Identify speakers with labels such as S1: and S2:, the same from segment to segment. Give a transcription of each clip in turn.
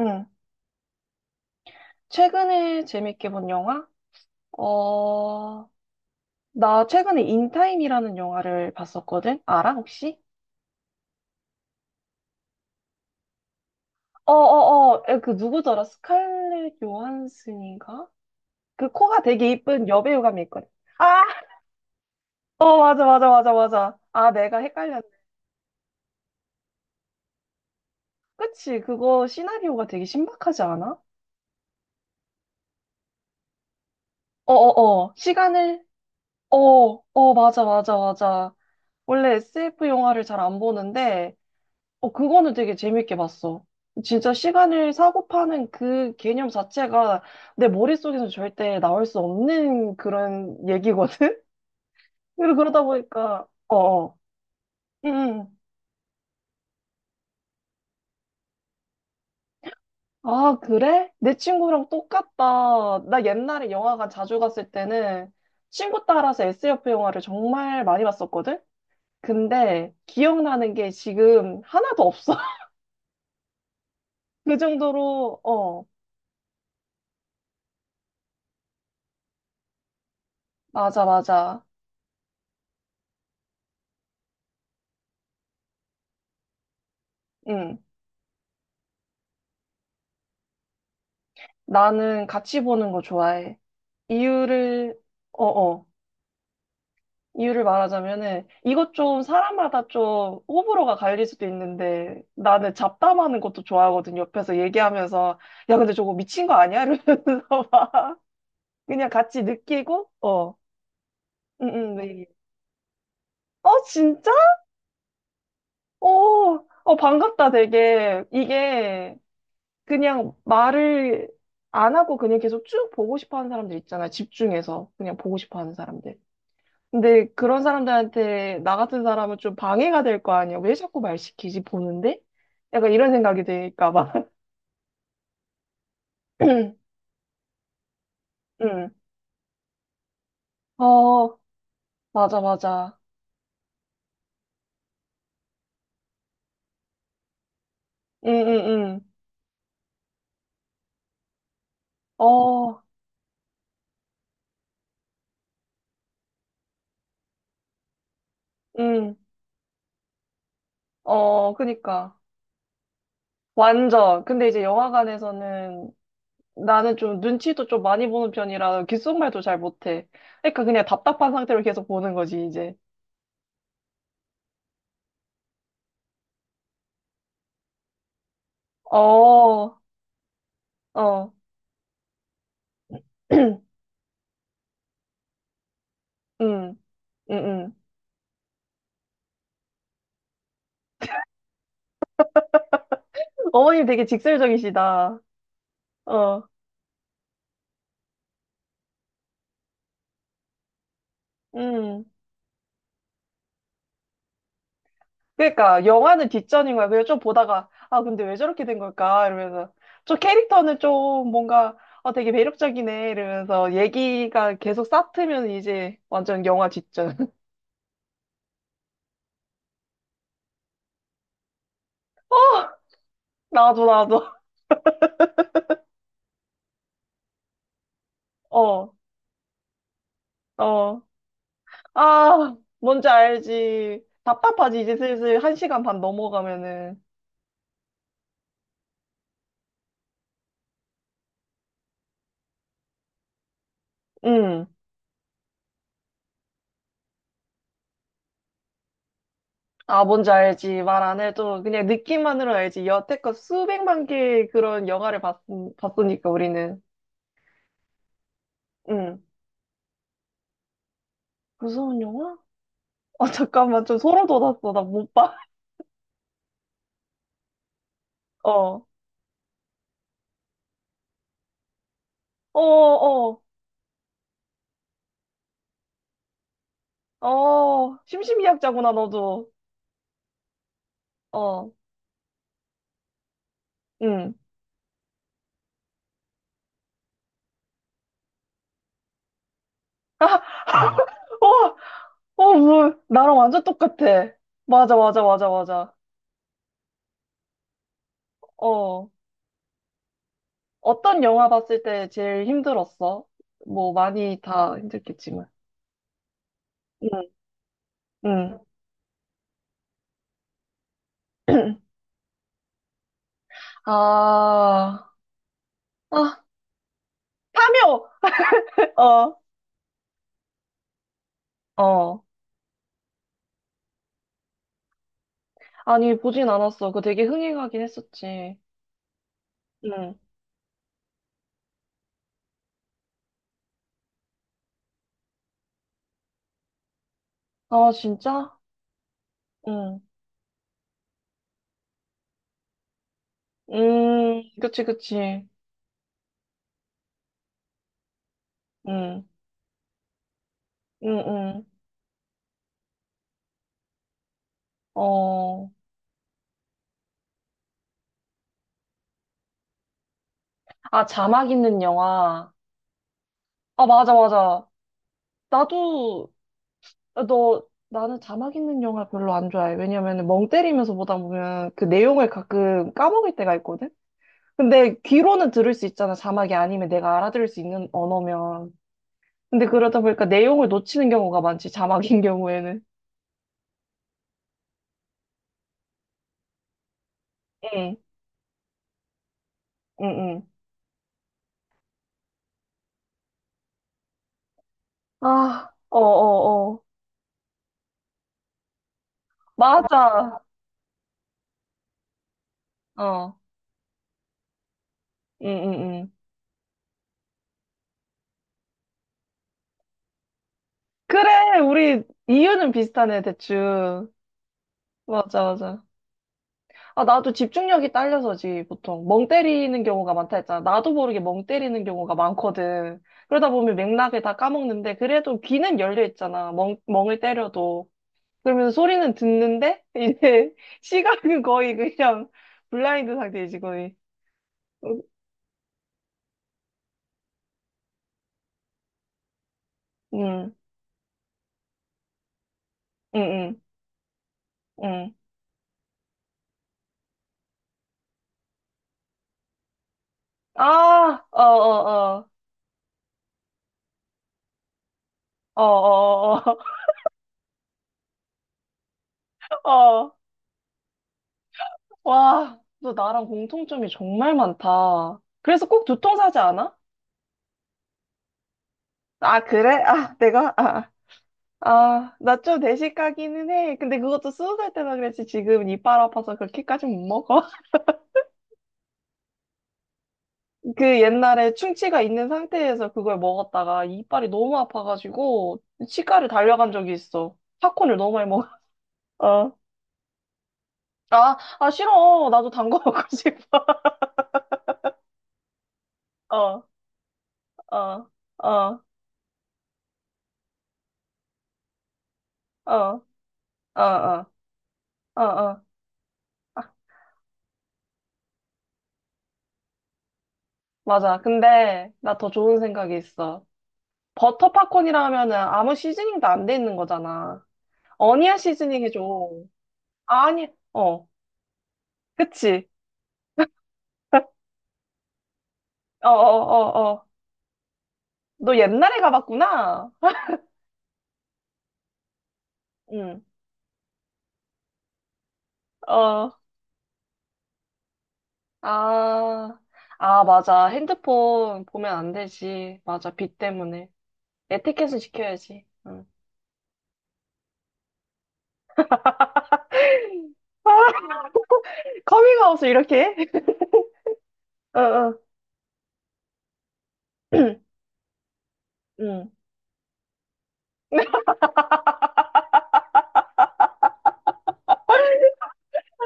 S1: 응. 최근에 재밌게 본 영화? 어, 나 최근에 인타임이라는 영화를 봤었거든? 알아, 혹시? 어 어 어, 그 누구더라? 스칼렛 요한슨인가? 그 코가 되게 이쁜 여배우감이 있거든. 아! 어, 맞아, 맞아, 맞아, 맞아. 아, 내가 헷갈렸네. 그치, 그거 시나리오가 되게 신박하지 않아? 어 어 어, 시간을, 어, 어, 맞아, 맞아, 맞아. 원래 SF 영화를 잘 안 보는데, 그거는 되게 재밌게 봤어. 진짜 시간을 사고 파는 그 개념 자체가 내 머릿속에서 절대 나올 수 없는 그런 얘기거든? 그리고 그러다 보니까, 어, 어. 응, 응. 아, 그래? 내 친구랑 똑같다. 나 옛날에 영화관 자주 갔을 때는 친구 따라서 SF 영화를 정말 많이 봤었거든? 근데 기억나는 게 지금 하나도 없어. 그 정도로, 맞아, 맞아. 응. 나는 같이 보는 거 좋아해. 이유를, 어어, 이유를 말하자면은, 이것 좀 사람마다 좀 호불호가 갈릴 수도 있는데, 나는 잡담하는 것도 좋아하거든. 옆에서 얘기하면서, 야, 근데 저거 미친 거 아니야? 이러면서 막 그냥 같이 느끼고. 응, 응, 네. 어, 진짜? 어, 어, 반갑다, 되게. 이게, 그냥 말을 안 하고 그냥 계속 쭉 보고 싶어 하는 사람들 있잖아. 집중해서. 그냥 보고 싶어 하는 사람들. 근데 그런 사람들한테 나 같은 사람은 좀 방해가 될 거 아니야. 왜 자꾸 말 시키지 보는데? 약간 이런 생각이 드니까 봐. 응. 어, 맞아, 맞아. 응, 응, 응. 어, 응. 어, 그니까. 완전. 근데 이제 영화관에서는 나는 좀 눈치도 좀 많이 보는 편이라 귓속말도 잘 못해. 그러니까 그냥 답답한 상태로 계속 보는 거지, 이제. 어, 어. 응, 응, 응. 어머님 되게 직설적이시다. 어. 음. 그러니까 영화는 뒷전인 거야. 그래서 좀 보다가 아 근데 왜 저렇게 된 걸까 이러면서 저 캐릭터는 좀 뭔가 되게 매력적이네 이러면서 얘기가 계속 쌓트면 이제 완전 영화 뒷전. 나도 나도 어 어. 아 뭔지 알지. 답답하지 이제 슬슬 1시간 반 넘어가면은. 음. 아 뭔지 알지. 말 안 해도 그냥 느낌만으로 알지. 여태껏 수백만 개의 그런 영화를 봤으니까 우리는. 음. 무서운 영화? 아, 잠깐만, 좀 소름 돋았어. 나 못 봐. 어, 어, 어, 어, 심심이약자구나, 너도. 어, 응. 아, 아, 어, 어, 뭐, 나랑 완전 똑같아. 맞아, 맞아, 맞아, 맞아. 어, 어떤 영화 봤을 때 제일 힘들었어? 뭐, 많이 다 힘들겠지만. 응, 응. 아, 아, 파묘! 어, 어. 아니, 보진 않았어. 그거 되게 흥행하긴 했었지. 응 아, 진짜? 응. 그치, 그치. 응, 응, 응. 어. 아, 자막 있는 영화. 아, 맞아, 맞아. 나도, 너, 나는 자막 있는 영화 별로 안 좋아해. 왜냐면 멍 때리면서 보다 보면 그 내용을 가끔 까먹을 때가 있거든? 근데 귀로는 들을 수 있잖아. 자막이 아니면 내가 알아들을 수 있는 언어면. 근데 그러다 보니까 내용을 놓치는 경우가 많지, 자막인 경우에는. 응, 응, 응. 아, 어어어. 맞아. 어. 응, 응, 응. 그래, 우리 이유는 비슷하네, 대충. 맞아, 맞아. 아, 나도 집중력이 딸려서지, 보통. 멍 때리는 경우가 많다 했잖아. 나도 모르게 멍 때리는 경우가 많거든. 그러다 보면 맥락을 다 까먹는데, 그래도 귀는 열려 있잖아. 멍을 때려도. 그러면 소리는 듣는데, 이제 시각은 거의 그냥 블라인드 상태이지, 거의. 응, 응, 응, 응. 아, 어, 어, 어. 어, 어, 어, 어. 어. 와, 너 나랑 공통점이 정말 많다. 그래서 꼭 두통사지 않아? 아, 그래? 아, 내가? 아, 아, 나 좀 내식 가기는 해. 근데 그것도 20살 때나 그랬지. 지금 이빨 아파서 그렇게까지 못 먹어. 그 옛날에 충치가 있는 상태에서 그걸 먹었다가 이빨이 너무 아파가지고 치과를 달려간 적이 있어. 팝콘을 너무 많이 먹어. 어. 아, 아, 싫어. 나도 단 거 먹고 싶어. 어, 어, 어, 어, 어, 어, 어, 어. 어, 맞아. 근데 나 더 좋은 생각이 있어. 버터 팝콘이라 하면은 아무 시즈닝도 안 돼 있는 거잖아. 어니언 시즈닝 해줘. 아니, 어, 그치. 어, 어, 어, 어. 너 옛날에 가봤구나. 응, 어, 아, 아, 맞아. 핸드폰 보면 안 되지. 맞아. 빛 때문에. 에티켓은 지켜야지. 응. 커밍아웃을 이렇게 해? 어, 어. 응.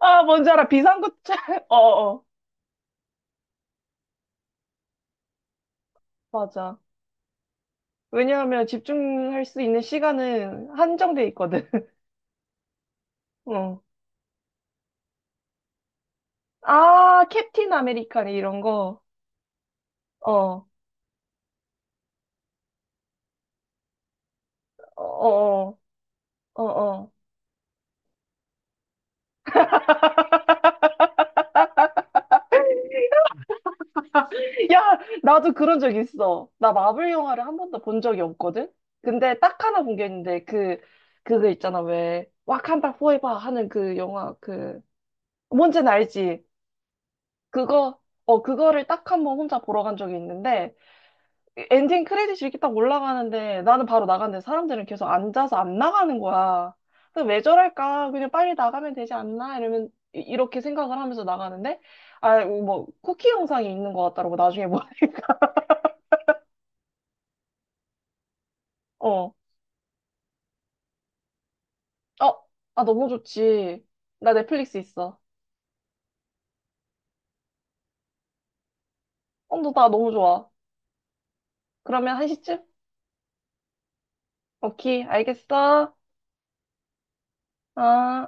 S1: 아, 뭔지 알아. 비상구차. 어, 어. 맞아. 왜냐하면 집중할 수 있는 시간은 한정돼 있거든. 어. 아, 캡틴 아메리칸 이런 거. 어. 어, 어, 어, 어. 야, 나도 그런 적 있어. 나 마블 영화를 한 번도 본 적이 없거든? 근데 딱 하나 본 게 있는데, 그, 그거 있잖아, 왜. 와칸다 포에버 하는 그 영화, 그, 뭔지는 알지? 그거, 그거를 딱 한번 혼자 보러 간 적이 있는데, 엔딩 크레딧이 이렇게 딱 올라가는데 나는 바로 나갔는데 사람들은 계속 앉아서 안 나가는 거야. 그래서 왜 저럴까? 그냥 빨리 나가면 되지 않나? 이러면 이렇게 생각을 하면서 나가는데 아, 뭐 쿠키 영상이 있는 것 같더라고 나중에 보니까. 어. 어. 아 너무 좋지. 나 넷플릭스 있어. 어, 너 나 너무 좋아. 그러면 1시쯤? 오케이. 알겠어. 아.